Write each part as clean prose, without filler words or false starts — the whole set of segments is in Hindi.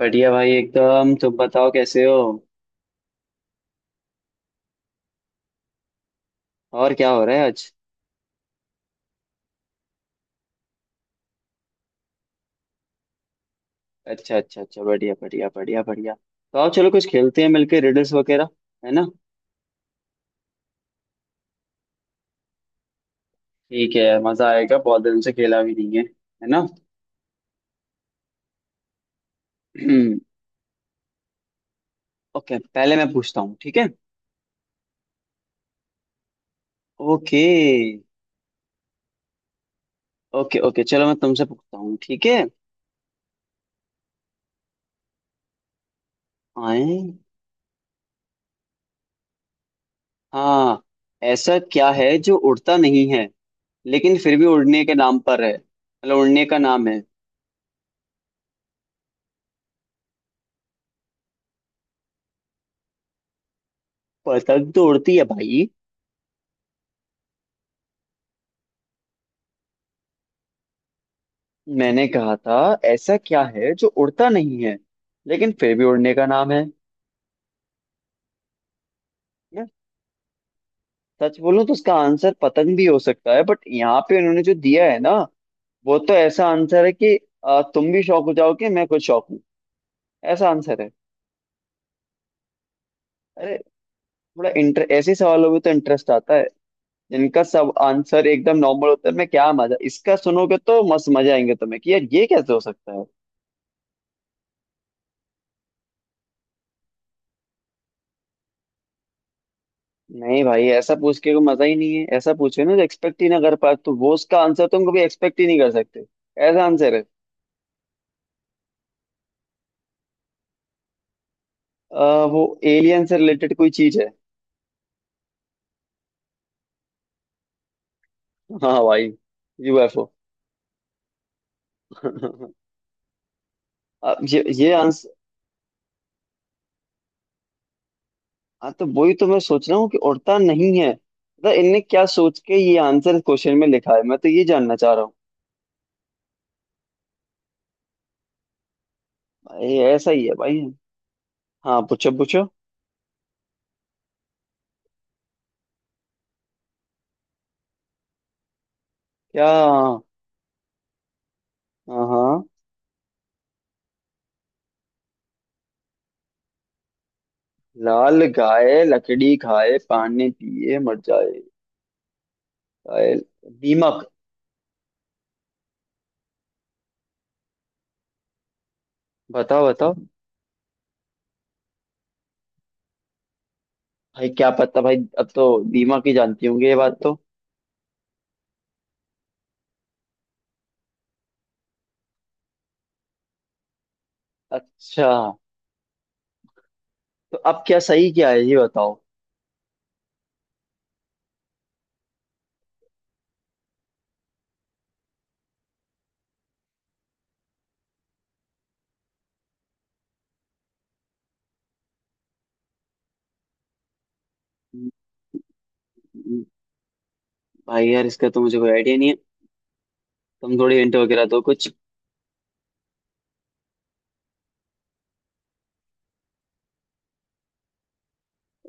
बढ़िया भाई एकदम। तुम बताओ कैसे हो। और क्या हो रहा है आज। अच्छा अच्छा अच्छा, बढ़िया बढ़िया बढ़िया बढ़िया। तो आओ चलो कुछ खेलते हैं मिलके रिडल्स वगैरह, है ना। ठीक है यार, मजा आएगा, बहुत दिन से खेला भी नहीं है, है ना। ओके, पहले मैं पूछता हूँ, ठीक है। ओके ओके ओके, चलो मैं तुमसे पूछता हूँ, ठीक है। आए। हाँ, ऐसा क्या है जो उड़ता नहीं है लेकिन फिर भी उड़ने के नाम पर है, मतलब उड़ने का नाम है। पतंग तो उड़ती है भाई। मैंने कहा था, ऐसा क्या है जो उड़ता नहीं है लेकिन फिर भी उड़ने का नाम है। मैं सच बोलूं तो उसका आंसर पतंग भी हो सकता है, बट यहाँ पे उन्होंने जो दिया है ना, वो तो ऐसा आंसर है कि तुम भी शौक हो जाओगे, मैं खुद शौक हूँ। ऐसा आंसर है। अरे, थोड़ा इंटर ऐसे सवालों में तो इंटरेस्ट आता है। जिनका सब आंसर एकदम नॉर्मल होता है, मैं क्या मजा, इसका सुनोगे तो मस्त मजा आएंगे तुम्हें कि यार ये कैसे हो सकता है। नहीं भाई, ऐसा पूछ के कोई मजा ही नहीं है, ऐसा पूछे ना जो एक्सपेक्ट ही ना कर पाए तो वो उसका आंसर तुम कभी एक्सपेक्ट ही नहीं कर सकते। ऐसा आंसर है। अ, वो एलियन से रिलेटेड कोई चीज है। हाँ भाई, यूएफओ। अब ये आंसर। हाँ, तो वही तो मैं सोच रहा हूँ कि उड़ता नहीं है, मतलब इनने क्या सोच के ये आंसर क्वेश्चन में लिखा है, मैं तो ये जानना चाह रहा हूँ। भाई ऐसा ही है भाई। हाँ पूछो पूछो। क्या, हाँ। हाँ, लाल गाय लकड़ी खाए पानी पिए मर जाए। गाय- दीमक। बताओ बताओ। भाई क्या पता भाई, अब तो दिमाग ही जानती होंगे ये बात तो। अच्छा, तो अब क्या सही क्या है ये बताओ। हम्म, भाई यार इसका तो मुझे कोई आइडिया नहीं है। तुम थोड़ी हिंट वगैरह दो कुछ।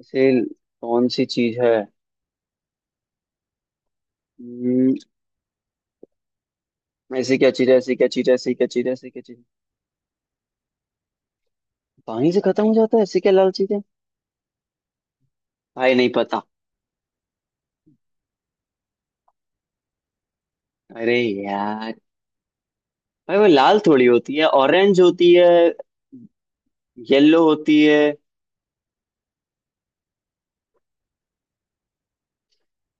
ऐसे कौन सी चीज है। हम्म, ऐसी क्या चीज है, ऐसी क्या चीज है, ऐसी क्या चीज है, ऐसी क्या चीज है। पानी से खत्म हो जाता है, ऐसी क्या लाल चीज है। भाई नहीं पता। अरे यार, भाई वो लाल थोड़ी होती है, ऑरेंज होती है, येलो होती है।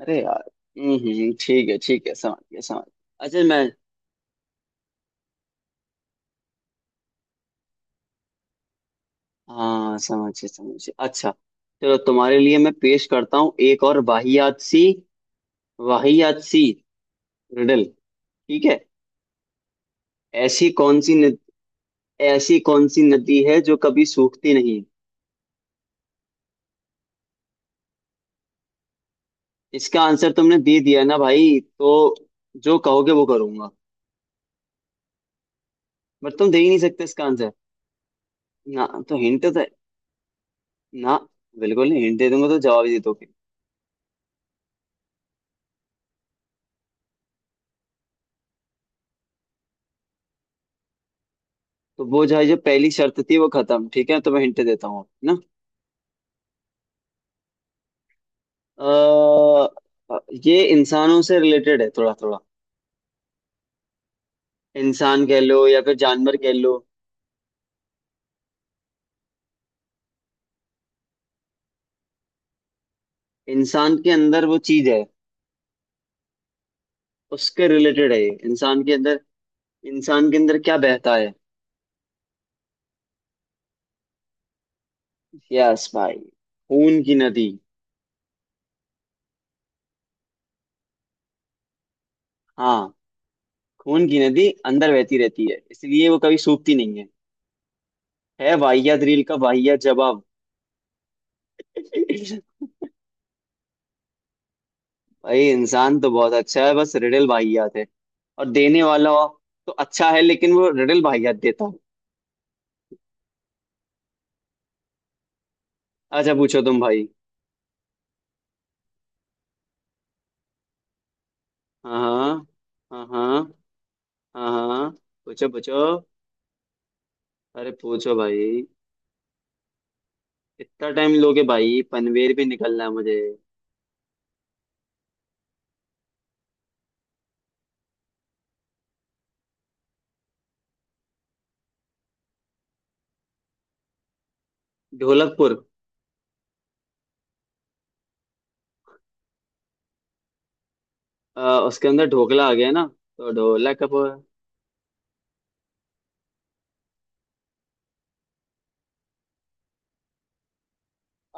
अरे यार। ठीक है ठीक है, समझ गया समझ गया। अच्छा मैं। हाँ समझिए समझिए। अच्छा, चलो तुम्हारे लिए मैं पेश करता हूँ एक और वाहियात सी रिडल, ठीक है। ऐसी कौन सी ऐसी कौन सी नदी है जो कभी सूखती नहीं। इसका आंसर तुमने दे दिया ना भाई, तो जो कहोगे वो करूंगा, बट तुम दे ही नहीं सकते इसका आंसर। ना तो हिंट तो ना, बिल्कुल नहीं, हिंट दे दूंगा तो जवाब ही दे दोगे। तो वो जो है जो पहली शर्त थी वो खत्म, ठीक है, तो मैं हिंट देता हूँ ना। अ, ये इंसानों से रिलेटेड है थोड़ा थोड़ा, इंसान कह लो या फिर जानवर कह लो। इंसान के अंदर वो चीज है, उसके रिलेटेड है ये। इंसान के अंदर, इंसान के अंदर क्या बहता है। यस भाई, खून की नदी। हाँ, खून की नदी अंदर बहती रहती है, इसलिए वो कभी सूखती नहीं है। है वाहियात रील का वाहियात जवाब। भाई, इंसान तो बहुत अच्छा है, बस रिडल वाहियात है। और देने वाला तो अच्छा है लेकिन वो रिडल वाहियात देता है। अच्छा पूछो तुम भाई। हाँ हाँ हाँ हाँ हाँ, पूछो पूछो। अरे पूछो भाई, इतना टाइम लोगे भाई, पनवेल भी निकलना है मुझे। ढोलकपुर। अ, उसके अंदर ढोकला आ गया ना तो ढोलक कब।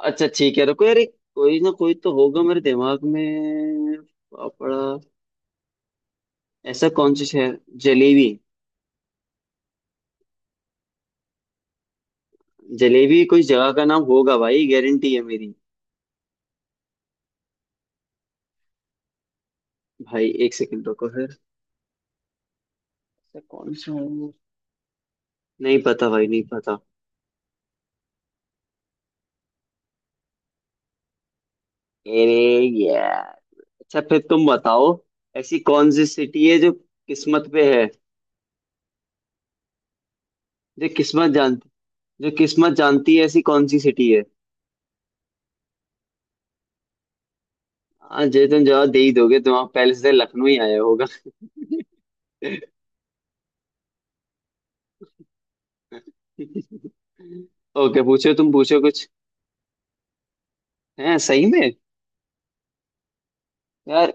अच्छा ठीक है, रुको यार, कोई ना कोई तो होगा मेरे दिमाग में। पापड़ा। ऐसा कौन सा शहर। जलेबी। जलेबी कोई जगह का नाम होगा भाई, गारंटी है मेरी। भाई एक सेकंड रुको फिर, ऐसा कौन सा हो? नहीं पता भाई नहीं पता। अरे यार। अच्छा फिर तुम बताओ, ऐसी कौन सी सिटी है जो किस्मत पे है, जो किस्मत, जो किस्मत जानती है, ऐसी कौन सी सिटी है। हाँ जे तुम जवाब दे ही दोगे, तुम आप पहले से लखनऊ ही आया होगा। ओके, पूछो तुम पूछो कुछ। है, सही में। यार,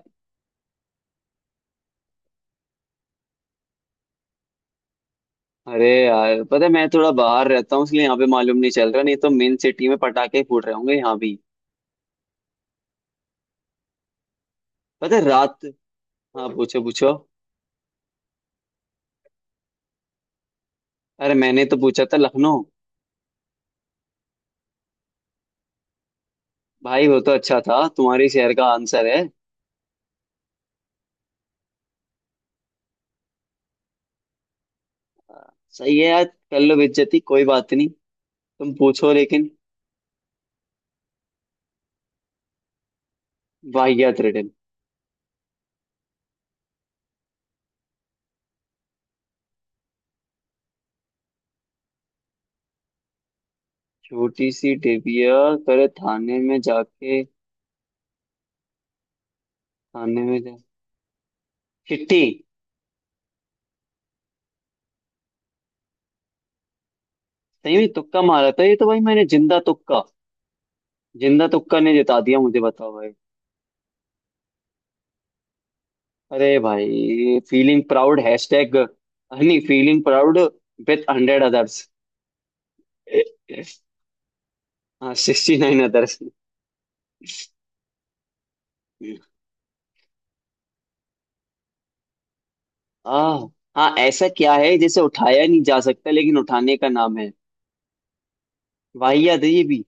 अरे यार पता है, मैं थोड़ा बाहर रहता हूँ इसलिए यहाँ पे मालूम नहीं चल रहा, नहीं तो मेन सिटी में पटाखे फूट रहे होंगे यहाँ भी। पता है रात। हाँ पूछो पूछो। अरे मैंने तो पूछा था लखनऊ। भाई वो तो अच्छा था, तुम्हारे शहर का आंसर है। सही है यार, कर लो बेइज्जती, कोई बात नहीं, तुम पूछो लेकिन। वाहियात रिडल। छोटी सी टिबिया करे थाने में जाके, थाने में जा, चिट्ठी। सही में तुक्का मारा था ये तो भाई, मैंने जिंदा तुक्का, जिंदा तुक्का ने जिता दिया मुझे, बताओ भाई। अरे भाई, फीलिंग प्राउड हैशटैग नहीं, फीलिंग प्राउड विथ 100 अदर्स। हाँ, 69 अदर्स। आ। हाँ, ऐसा क्या है जिसे उठाया नहीं जा सकता लेकिन उठाने का नाम है। वाहियात है ये भी।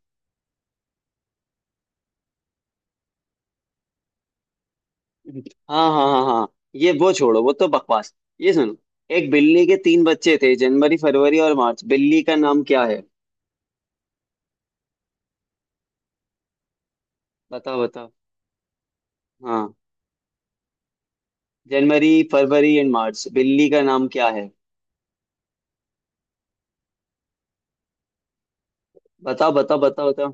हाँ हाँ हाँ हाँ, ये वो छोड़ो, वो तो बकवास। ये सुनो, एक बिल्ली के तीन बच्चे थे, जनवरी फरवरी और मार्च, बिल्ली का नाम क्या है। बताओ बताओ। हाँ, जनवरी फरवरी एंड मार्च, बिल्ली का नाम क्या है। बताओ बताओ बताओ बताओ।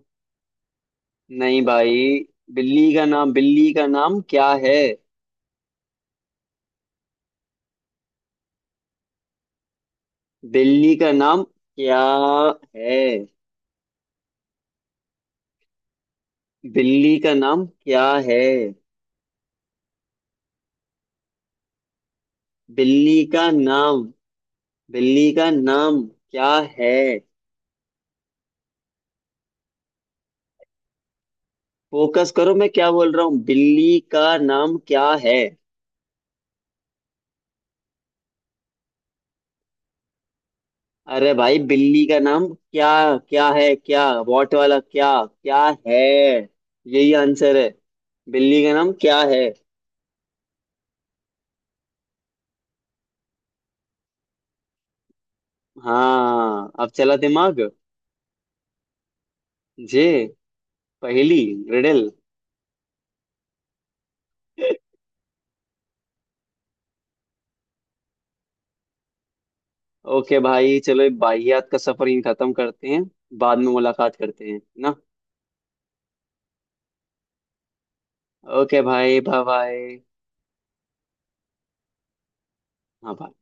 नहीं भाई, बिल्ली का नाम, बिल्ली का नाम क्या है, बिल्ली का नाम क्या है, बिल्ली का नाम क्या है, बिल्ली का नाम, बिल्ली का नाम क्या है। फोकस करो, मैं क्या बोल रहा हूँ, बिल्ली का नाम क्या है। अरे भाई, बिल्ली का नाम क्या, क्या है, क्या वॉट वाला क्या, क्या है, यही आंसर है, बिल्ली का नाम क्या है। हाँ, अब चला दिमाग। जे पहेली, रिडल। ओके भाई, चलो बाहियात का सफर यहीं खत्म करते हैं, बाद में मुलाकात करते हैं ना। ओके भाई बाय बाय। हाँ bye।